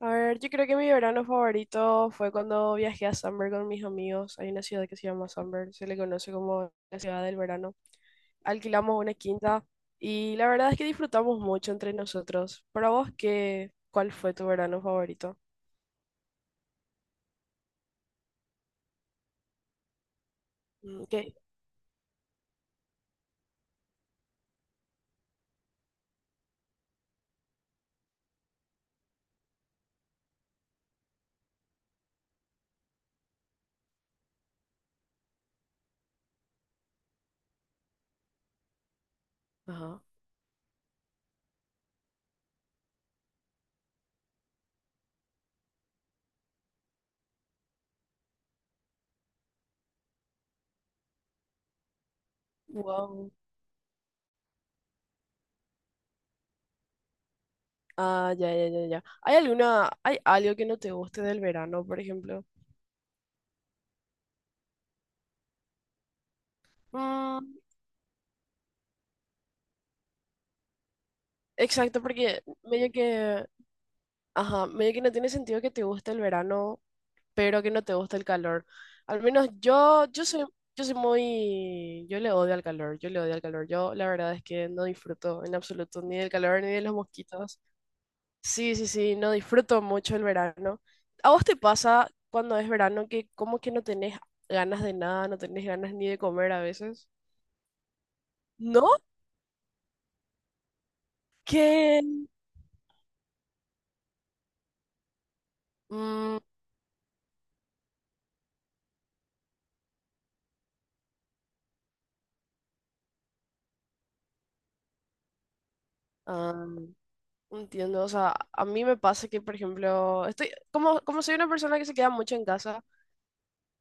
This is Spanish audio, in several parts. A ver, yo creo que mi verano favorito fue cuando viajé a Summer con mis amigos. Hay una ciudad que se llama Summer, se le conoce como la ciudad del verano. Alquilamos una quinta y la verdad es que disfrutamos mucho entre nosotros. Para vos, qué, ¿cuál fue tu verano favorito? Mm, ¿qué? Ajá. Wow. Ah, ya, ya, ya, ya. ¿Hay alguna, hay algo que no te guste del verano, por ejemplo? Mm, exacto, porque medio que, ajá, medio que no tiene sentido que te guste el verano pero que no te gusta el calor. Al menos yo, yo soy muy, yo le odio al calor, yo le odio al calor. Yo la verdad es que no disfruto en absoluto ni del calor ni de los mosquitos. Sí, sí, sí, no disfruto mucho el verano. ¿A vos te pasa cuando es verano que como que no tenés ganas de nada, no tenés ganas ni de comer a veces? ¿No? Que... Mm, ah, entiendo, o sea, a mí me pasa que, por ejemplo, estoy, como, como soy una persona que se queda mucho en casa,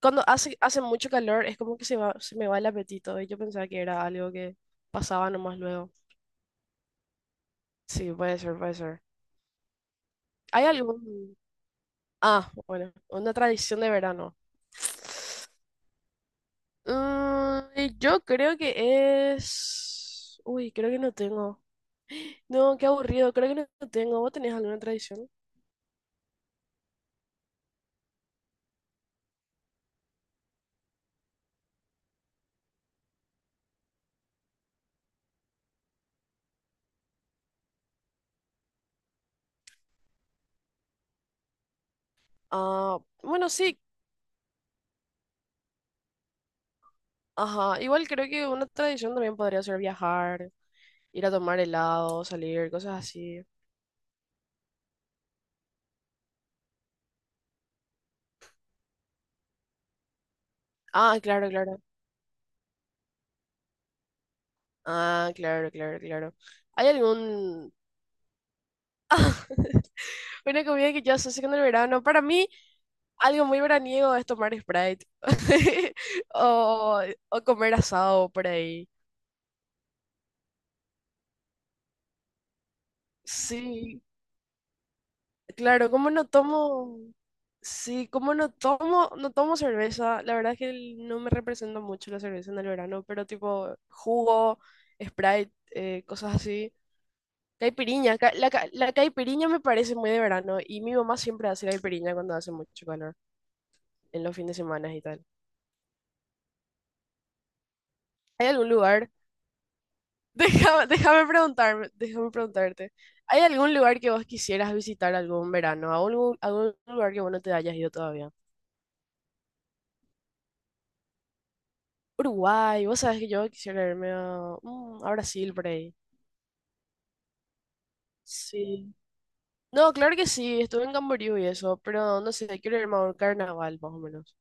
cuando hace mucho calor es como que se me va el apetito y yo pensaba que era algo que pasaba nomás luego. Sí, puede ser, puede ser. ¿Hay algún... Ah, bueno, una tradición de verano. Mm, y yo creo que es... Uy, creo que no tengo. No, qué aburrido, creo que no tengo. ¿Vos tenés alguna tradición? Ah, bueno, sí. Ajá, igual creo que una tradición también podría ser viajar, ir a tomar helado, salir, cosas así. Ah, claro, claro. Ah, claro, claro, claro. ¿Hay algún... Una comida que yo asocio con el verano. Para mí, algo muy veraniego es tomar Sprite o, o comer asado por ahí. Sí, claro, ¿cómo no tomo? Sí, ¿cómo no tomo? No tomo cerveza. La verdad es que el- no me representa mucho la cerveza en el verano, pero tipo jugo, Sprite, cosas así. Caipiriña, la caipiriña me parece muy de verano y mi mamá siempre hace caipiriña cuando hace mucho calor, en los fines de semana y tal. ¿Hay algún lugar? Déjame preguntarte. ¿Hay algún lugar que vos quisieras visitar algún verano? ¿Algún, algún lugar que vos no te hayas ido todavía? Uruguay, vos sabés que yo quisiera irme a, mm, a Brasil por ahí. Sí. No, claro que sí, estuve en Camboriú y eso, pero no sé, quiero irme a un carnaval más o menos.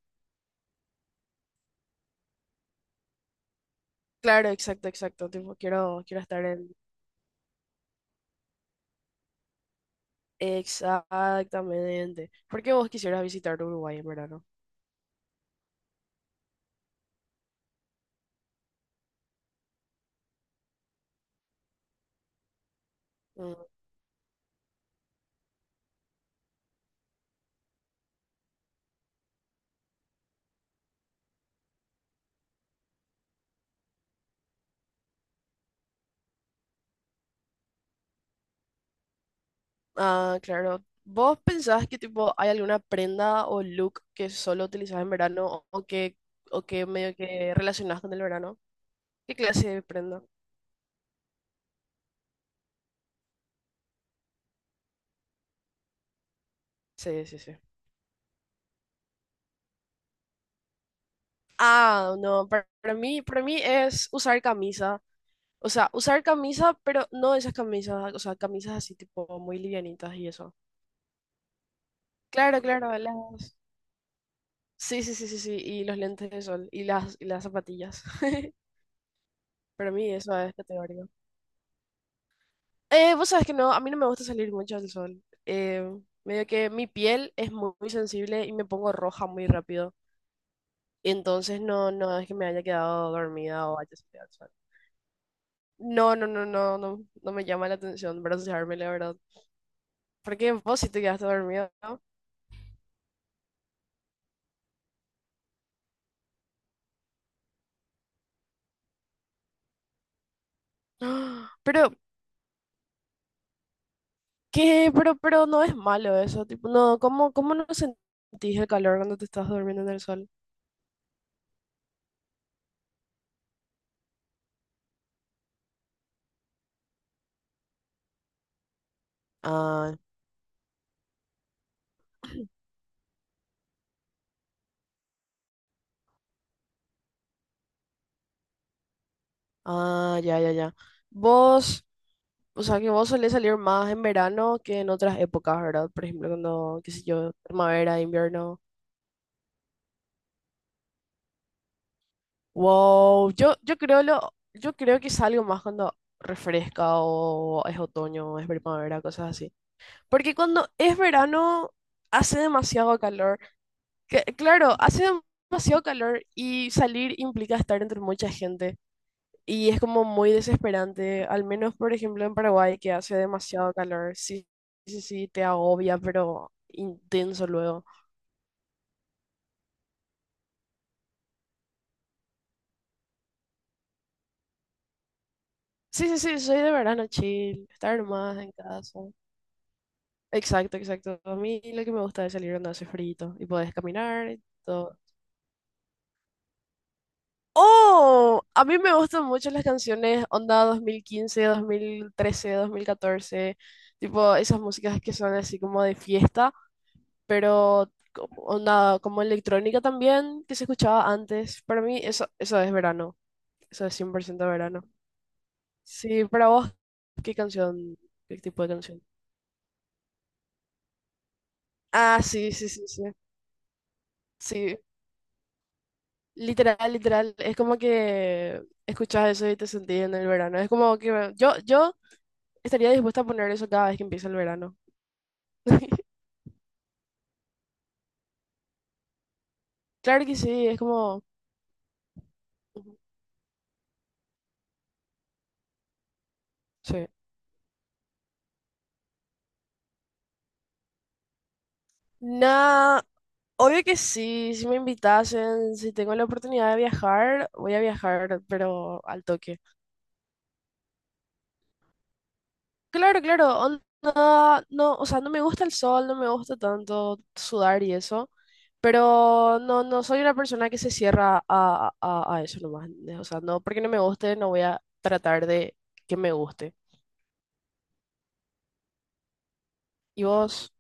Claro, exacto, exacto. Tipo, quiero, quiero estar en, exactamente. ¿Por qué vos quisieras visitar Uruguay en verano? Mm, ah, claro. ¿Vos pensás que tipo hay alguna prenda o look que solo utilizás en verano o que medio que relacionás con el verano? ¿Qué clase de prenda? Sí, sí, sí. Ah, no, para mí es usar camisa. O sea, usar camisa, pero no esas camisas, o sea, camisas así tipo muy livianitas y eso. Claro, claro, las... Sí, sí, sí, sí, sí, y los lentes de sol y las zapatillas. Para mí eso es categórico. Vos sabés que no, a mí no me gusta salir mucho al sol. Medio que mi piel es muy, muy sensible y me pongo roja muy rápido. Entonces no, no es que me haya quedado dormida o haya salido al sol. No, no, no, no, no, no me llama la atención broncearme, la verdad. Porque vos sí te quedaste dormido, ¿no? Pero, ¿qué? Pero no es malo eso. Tipo, no, ¿cómo, cómo no sentís el calor cuando te estás durmiendo en el sol? Ah, ah, ya, ya, ya. Vos. O sea, que vos solés salir más en verano que en otras épocas, ¿verdad? Por ejemplo, cuando, qué sé yo, primavera, invierno. Wow, yo creo yo creo que salgo más cuando refresca o es otoño, o es primavera, cosas así. Porque cuando es verano hace demasiado calor. Que- claro, hace demasiado calor y salir implica estar entre mucha gente. Y es como muy desesperante, al menos por ejemplo en Paraguay que hace demasiado calor. Sí, sí, sí, te agobia, pero intenso luego. Sí, sí, sí, soy de verano chill, estar más en casa. Exacto, exacto. A mí lo que me gusta es salir donde hace frío y podés caminar y todo. ¡Oh! A mí me gustan mucho las canciones onda 2015, 2013, 2014, tipo esas músicas que son así como de fiesta pero como, onda, como electrónica también, que se escuchaba antes. Para mí eso, eso es verano, eso es cien por ciento verano. Sí, para vos, ¿qué canción? ¿Qué tipo de canción? Ah, sí, sí, sí, sí. Sí, literal, literal. Es como que escuchas eso y te sentís en el verano. Es como que yo estaría dispuesta a poner eso cada vez que empieza el verano. Claro que sí, es como... Ujú, sí. No, obvio que sí, si me invitasen, si tengo la oportunidad de viajar, voy a viajar, pero al toque. Claro, claro, onda, no, o sea, no me gusta el sol, no me gusta tanto sudar y eso, pero no, no soy una persona que se cierra a eso nomás. ¿Entendés? O sea, no, porque no me guste, no voy a tratar de que me guste. Y vos,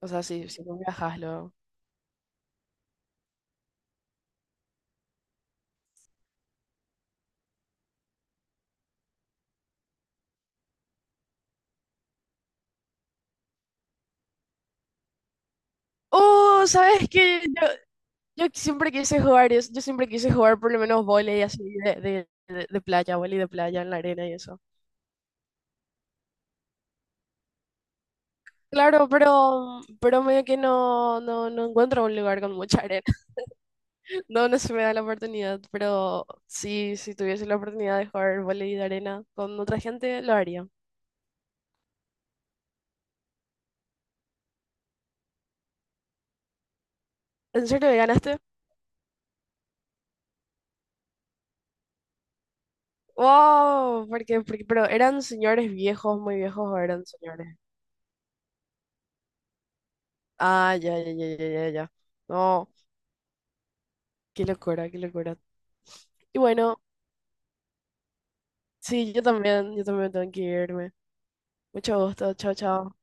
o sea, si, si no viajas luego. Oh, ¿sabes qué? Yo siempre quise jugar eso, yo siempre quise jugar por lo menos vóley así de playa, vóley de playa en la arena y eso. Claro, pero medio que no encuentro un lugar con mucha arena. No, no se me da la oportunidad, pero sí, si tuviese la oportunidad de jugar vóley de arena con otra gente, lo haría. ¿En serio ganaste? ¡Wow! Porque, porque, pero eran señores viejos, muy viejos, o eran señores. Ah, ya, ya, ya, ya, ya, ya. No, qué locura, qué locura. Y bueno. Sí, yo también tengo que irme. Mucho gusto, chao, chao.